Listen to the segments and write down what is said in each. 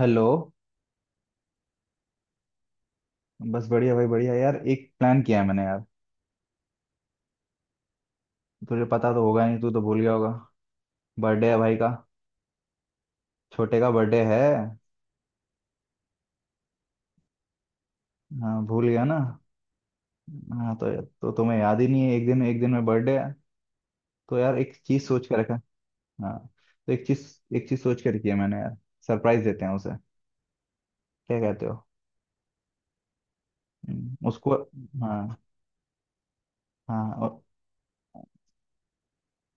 Hello. बस बढ़िया भाई, बढ़िया यार। एक प्लान किया है मैंने यार। तुझे पता तो होगा नहीं, तू तो भूल गया होगा। बर्थडे है भाई का, छोटे का बर्थडे है। हाँ, भूल गया ना। हाँ तो तुम्हें याद ही नहीं है, एक दिन, एक दिन में बर्थडे है। तो यार एक चीज सोच के रखा। हाँ, तो एक चीज, एक चीज सोच के रखी है मैंने यार। सरप्राइज देते हैं उसे, क्या कहते हो? उसको। हाँ। हाँ, और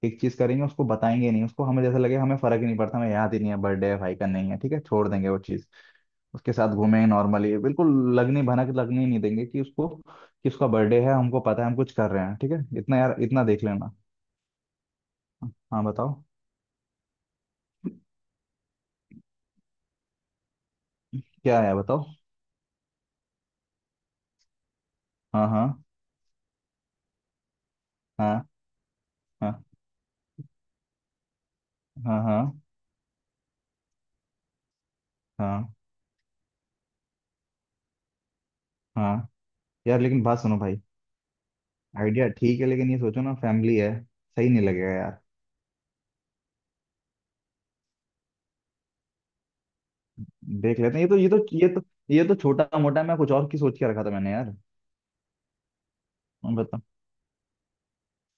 एक चीज करेंगे, उसको बताएंगे नहीं, उसको हमें जैसे लगे हमें फर्क ही नहीं पड़ता, हमें याद ही नहीं है बर्थडे है भाई का, नहीं है, ठीक है, छोड़ देंगे वो चीज। उसके साथ घूमें नॉर्मली बिल्कुल। लगनी भनक लगने ही नहीं देंगे कि उसको, कि उसका बर्थडे है हमको पता है, हम कुछ कर रहे हैं, ठीक है। इतना यार इतना देख लेना। हाँ बताओ। क्या है बताओ। हाँ हाँ हाँ। हाँ हाँ हाँ हाँ। हाँ यार, लेकिन बात सुनो भाई। आइडिया ठीक है लेकिन ये सोचो ना, फैमिली है, सही नहीं लगेगा यार। देख लेते हैं। ये तो छोटा मोटा, मैं कुछ और की सोच के रखा था मैंने यार। बताओ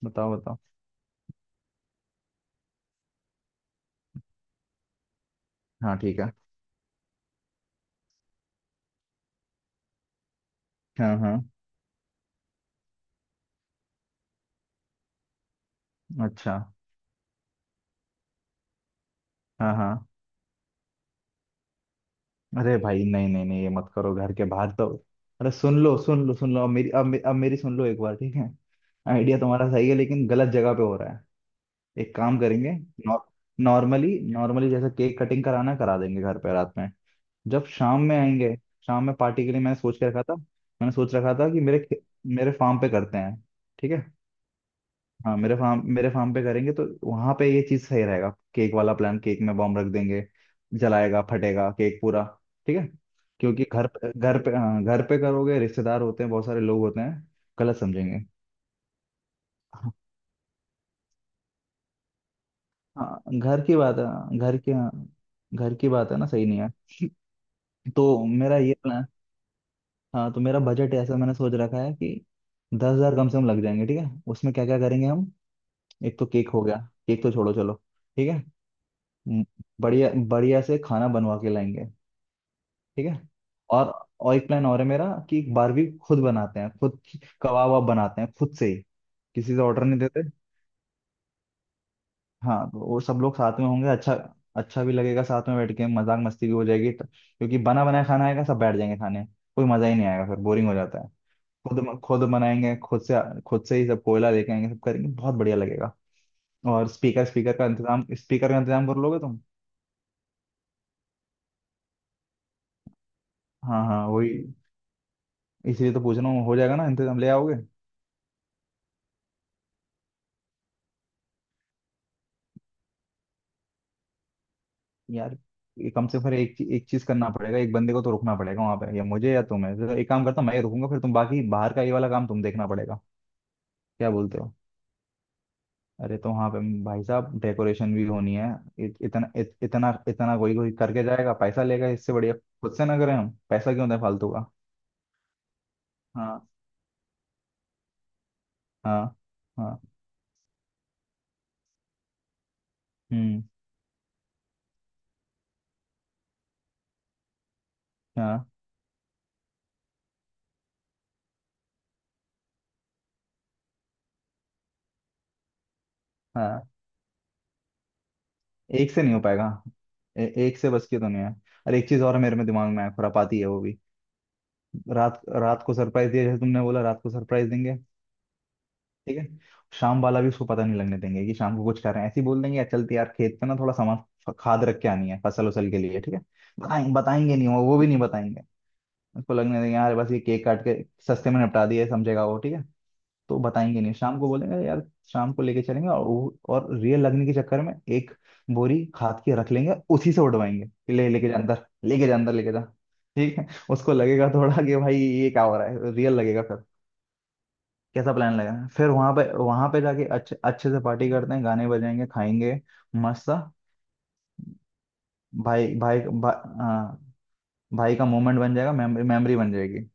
बताओ बताओ। हाँ ठीक है। हाँ हाँ। अच्छा। हाँ हाँ। अरे भाई, नहीं नहीं नहीं, ये मत करो, घर के बाहर तो। अरे सुन लो सुन लो सुन लो, अब मेरी, अब मेरी सुन लो एक बार, ठीक है। आइडिया तुम्हारा सही है लेकिन गलत जगह पे हो रहा है। एक काम करेंगे, नॉर्मली नॉर्मली जैसे केक कटिंग कराना है, करा देंगे घर पे रात में। जब शाम में आएंगे, शाम में पार्टी के लिए मैंने सोच के रखा था, मैंने सोच रखा था कि मेरे फार्म पे करते हैं, ठीक है। हाँ मेरे फार्म, मेरे फार्म पे करेंगे तो वहां पे ये चीज सही रहेगा। केक वाला प्लान, केक में बॉम्ब रख देंगे, जलाएगा फटेगा केक पूरा, ठीक है। क्योंकि घर पे, घर पे, हाँ, घर पे करोगे रिश्तेदार होते हैं, बहुत सारे लोग होते हैं, गलत समझेंगे। हाँ, घर की बात है, घर की, हाँ, घर की बात है ना, सही नहीं है। तो मेरा ये प्लान। हाँ तो मेरा बजट ऐसा मैंने सोच रखा है कि दस हजार कम से कम लग जाएंगे, ठीक है। उसमें क्या क्या करेंगे हम। एक तो केक हो गया, केक तो छोड़ो चलो, ठीक है। म- बढ़िया बढ़िया से खाना बनवा के लाएंगे, ठीक है। और और एक प्लान और है मेरा कि एक बारबी खुद बनाते हैं खुद, कबाब वबाब बनाते हैं खुद से ही, किसी से ऑर्डर नहीं देते। हाँ तो वो सब लोग साथ में होंगे, अच्छा। अच्छा भी लगेगा साथ में बैठ के, मजाक मस्ती भी हो जाएगी तो, क्योंकि बना बनाया खाना आएगा सब बैठ जाएंगे खाने, कोई मजा ही नहीं आएगा, फिर बोरिंग हो जाता है। खुद खुद बनाएंगे खुद से, खुद से ही सब, कोयला लेके आएंगे सब करेंगे, बहुत बढ़िया लगेगा। और स्पीकर, स्पीकर का इंतजाम, स्पीकर का इंतजाम कर लोगे तुम? हाँ हाँ वही, इसीलिए तो पूछ रहा हूँ, हो जाएगा ना इंतजाम, ले आओगे। यार ये कम से कम फिर एक एक चीज करना पड़ेगा, एक बंदे को तो रुकना पड़ेगा वहां पे, या मुझे या तुम्हें, तो एक काम करता हूँ मैं ही रुकूंगा फिर, तुम बाकी बाहर का ये वाला काम तुम देखना पड़ेगा। क्या बोलते हो? अरे तो वहाँ पे भाई साहब डेकोरेशन भी होनी है। इतना इतना कोई कोई करके जाएगा पैसा लेगा, इससे बढ़िया खुद से ना करें हम, पैसा क्यों दें फालतू का। हाँ हाँ। हाँ। हम्म। हाँ हाँ। एक से नहीं हो पाएगा। एक से बस की तो नहीं है। अरे एक चीज और मेरे में दिमाग में है, खुरापाती है वो भी। रात, रात को सरप्राइज दिया जैसे तुमने बोला, रात को सरप्राइज देंगे, ठीक है। शाम वाला भी उसको पता नहीं लगने देंगे कि शाम को कुछ कर रहे हैं, ऐसे ही बोल देंगे "यार, चलते यार खेत पे ना, थोड़ा सामान खाद रख के आनी है, फसल उसल के लिए, ठीक है। बताएंगे, बताएंगे नहीं वो, वो भी नहीं बताएंगे। उसको लगने देंगे यार, बस ये केक काट के सस्ते में निपटा दिए, समझेगा वो, ठीक है। तो बताएंगे नहीं, शाम को बोलेंगे यार, शाम को लेके चलेंगे, और रियल लगने के चक्कर में एक बोरी खाद की रख लेंगे, उसी से उठवाएंगे कि ले, लेके जा अंदर, लेके जा अंदर, लेके जा। ठीक है। उसको लगेगा थोड़ा कि भाई ये क्या हो रहा है, रियल लगेगा फिर। कैसा प्लान लगा? फिर वहां पे, वहां पे जाके अच्छे अच्छे से पार्टी करते हैं, गाने बजाएंगे, खाएंगे, मस्त सा। भाई भाई भा, हाँ, भाई का मोमेंट बन जाएगा, मेमोरी, मेमोरी बन जाएगी।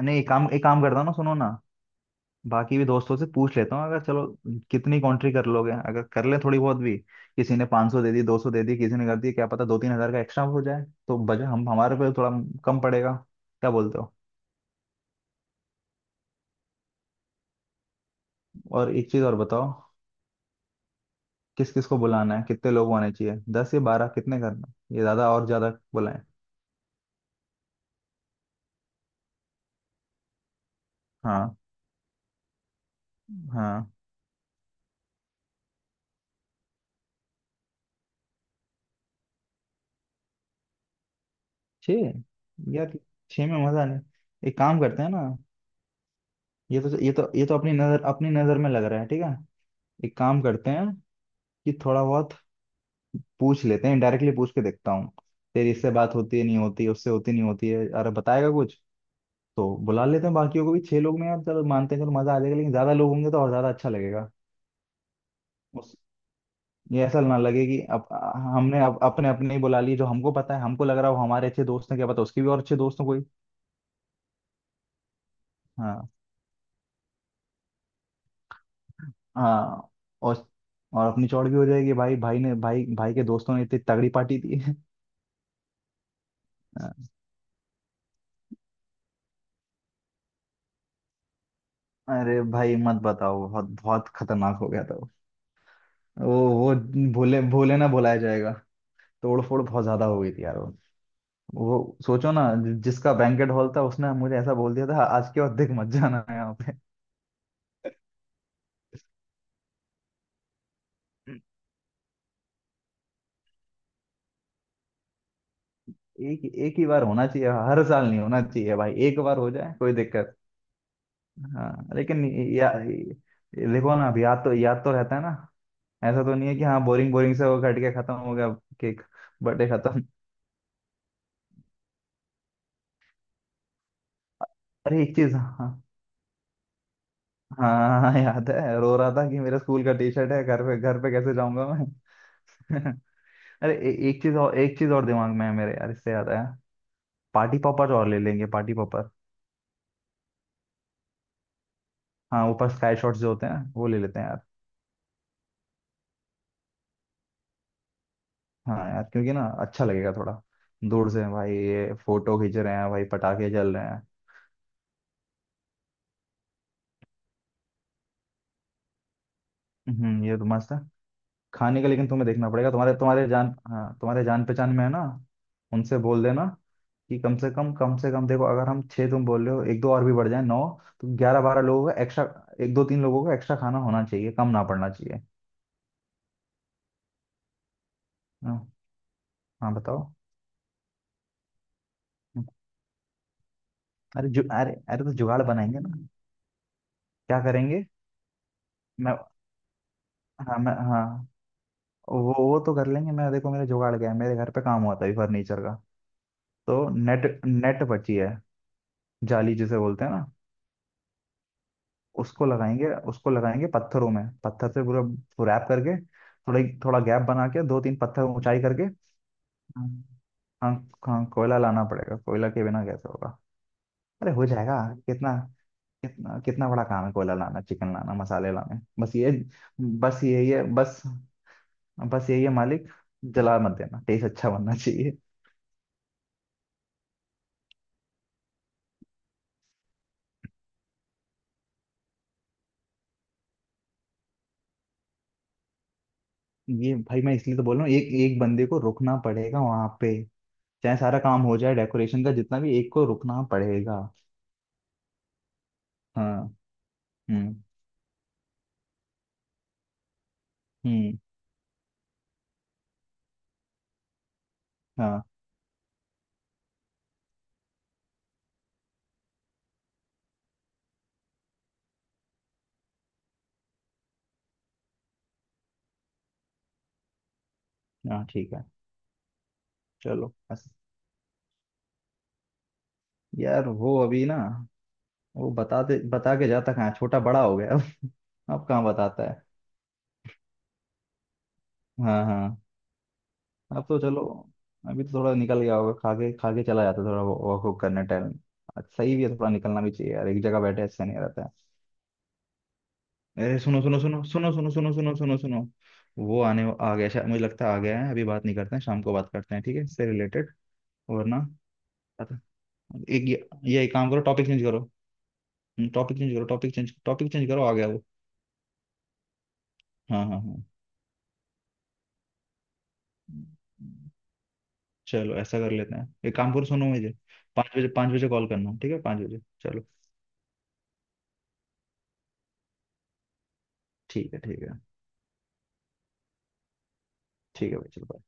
नहीं, एक काम, एक काम करता हूँ ना सुनो ना। बाकी भी दोस्तों से पूछ लेता हूँ, अगर चलो कितनी कॉन्ट्री कर लोगे, अगर कर ले थोड़ी बहुत भी, किसी ने 500 सौ दे दी, दो सौ दे दी किसी ने, कर दी, क्या पता दो तीन हजार का एक्स्ट्रा हो जाए, तो बजट हम हमारे पे थोड़ा कम पड़ेगा। क्या बोलते हो? और एक चीज और बताओ, किस किस को बुलाना है, कितने लोग आने चाहिए, दस या बारह, कितने करना है? ये ज्यादा और ज्यादा बुलाएं। हाँ हाँ। छः। यार, छः में मजा नहीं। एक काम करते हैं ना। ये तो अपनी नजर, अपनी नजर में लग रहा है ठीक है। एक काम करते हैं कि थोड़ा बहुत पूछ लेते हैं, डायरेक्टली पूछ के देखता हूँ, तेरी इससे बात होती है नहीं होती, उससे होती नहीं होती है, अरे बताएगा कुछ तो, बुला लेते हैं बाकियों को भी। छह लोग में यार चलो मानते हैं चलो मजा आ जाएगा, लेकिन ज्यादा लोग होंगे तो और ज्यादा अच्छा लगेगा। उस ये ऐसा ना लगे कि अब हमने अब अपने अपने ही बुला लिए, जो हमको पता है हमको लग रहा है वो हमारे अच्छे दोस्त हैं, क्या पता उसके भी और अच्छे दोस्त हों कोई। हाँ। हाँ। और और अपनी चौड़ भी हो जाएगी, भाई, भाई ने, भाई, भाई के दोस्तों ने इतनी तगड़ी पार्टी दी है। हाँ। अरे भाई मत बताओ, बहुत बहुत खतरनाक हो गया था वो। वो वो भूले भूले ना भुलाया जाएगा। तोड़ फोड़ बहुत ज्यादा हो गई थी यार वो। वो सोचो ना, जिसका बैंकेट हॉल था उसने मुझे ऐसा बोल दिया था, आज के बाद देख मत जाना यहाँ पे। एक, एक ही बार होना चाहिए, हर साल नहीं होना चाहिए भाई, एक बार हो जाए कोई दिक्कत। हाँ लेकिन या, देखो ना, अब याद तो, याद तो रहता है ना, ऐसा तो नहीं है कि हाँ बोरिंग बोरिंग से वो कट के खत्म हो गया केक, बर्थडे खत्म। अरे एक चीज, हाँ। हाँ हाँ, याद है, रो रहा था कि मेरा स्कूल का टी शर्ट है, घर पे, घर पे कैसे जाऊंगा मैं। अरे एक चीज और, एक चीज और दिमाग में है मेरे यार, इससे याद आया। पार्टी पॉपर और ले लेंगे, पार्टी पॉपर। हाँ, ऊपर स्काई शॉट्स जो होते हैं वो ले लेते हैं यार। हाँ यार, क्योंकि ना अच्छा लगेगा थोड़ा, दूर से भाई ये फोटो खींच रहे हैं, भाई पटाखे जल रहे हैं। हम्म, ये तो मस्त है। खाने का लेकिन तुम्हें देखना पड़ेगा, तुम्हारे, तुम्हारे जान, हाँ, तुम्हारे जान पहचान में है ना। उनसे बोल देना कि कम से कम, कम से कम देखो, अगर हम छः, तुम बोल रहे हो एक दो और भी बढ़ जाए नौ, तो ग्यारह बारह लोगों का एक्स्ट्रा, एक दो तीन लोगों का एक्स्ट्रा खाना होना चाहिए, कम ना पड़ना चाहिए। हाँ, हाँ, बताओ। हम्म, अरे अरे तो जुगाड़ बनाएंगे ना। क्या करेंगे? मैं हाँ मैं, हाँ वो तो कर लेंगे, मैं देखो मेरा जुगाड़, गया मेरे घर पे काम हुआ था अभी फर्नीचर का, तो नेट, नेट बची है, जाली जिसे बोलते हैं ना। उसको लगाएंगे, उसको लगाएंगे पत्थरों में, पत्थर से पूरा रैप करके, थोड़ा थोड़ा गैप बना के दो तीन पत्थर ऊंचाई करके। हाँ हाँ। हाँ, कोयला लाना पड़ेगा, कोयला के बिना कैसे होगा। अरे हो जाएगा। कितना, कितना, कितना बड़ा काम है, कोयला लाना, चिकन लाना, मसाले लाने, बस ये। बस यही है, बस। बस यही है मालिक, जला मत देना, टेस्ट अच्छा बनना चाहिए। ये भाई मैं इसलिए तो बोल रहा हूँ, एक, एक बंदे को रुकना पड़ेगा वहां पे, चाहे सारा काम हो जाए डेकोरेशन का जितना भी, एक को रुकना पड़ेगा। हाँ। हम्म। हम्म। हाँ। हाँ ठीक है। चलो बस। यार वो अभी ना, वो बताते बता के जाता कहाँ है? छोटा बड़ा हो गया अब। अब कहाँ बताता है। हाँ हाँ। अब तो चलो, अभी तो थोड़ा निकल गया होगा, खा के, खा के चला जाता है थोड़ा वॉक, वॉक करने टाइम। सही भी है, थोड़ा निकलना भी चाहिए यार, एक जगह बैठे ऐसा नहीं रहता है। अरे सुनो सुनो सुनो सुनो सुनो सुनो सुनो सुनो सुनो। वो आने आ गया शायद, मुझे लगता है आ गया है, अभी बात नहीं करते हैं, शाम को बात करते हैं ठीक है, इससे रिलेटेड, वरना। एक ये एक काम करो, टॉपिक चेंज करो, टॉपिक चेंज करो, टॉपिक चेंज करो, आ गया वो। हाँ हाँ हाँ। चलो ऐसा कर लेते हैं, एक काम करो, सुनो मुझे, पाँच बजे, पाँच बजे कॉल करना, ठीक है पाँच बजे, चलो। ठीक है, ठीक है, ठीक है भाई चलो।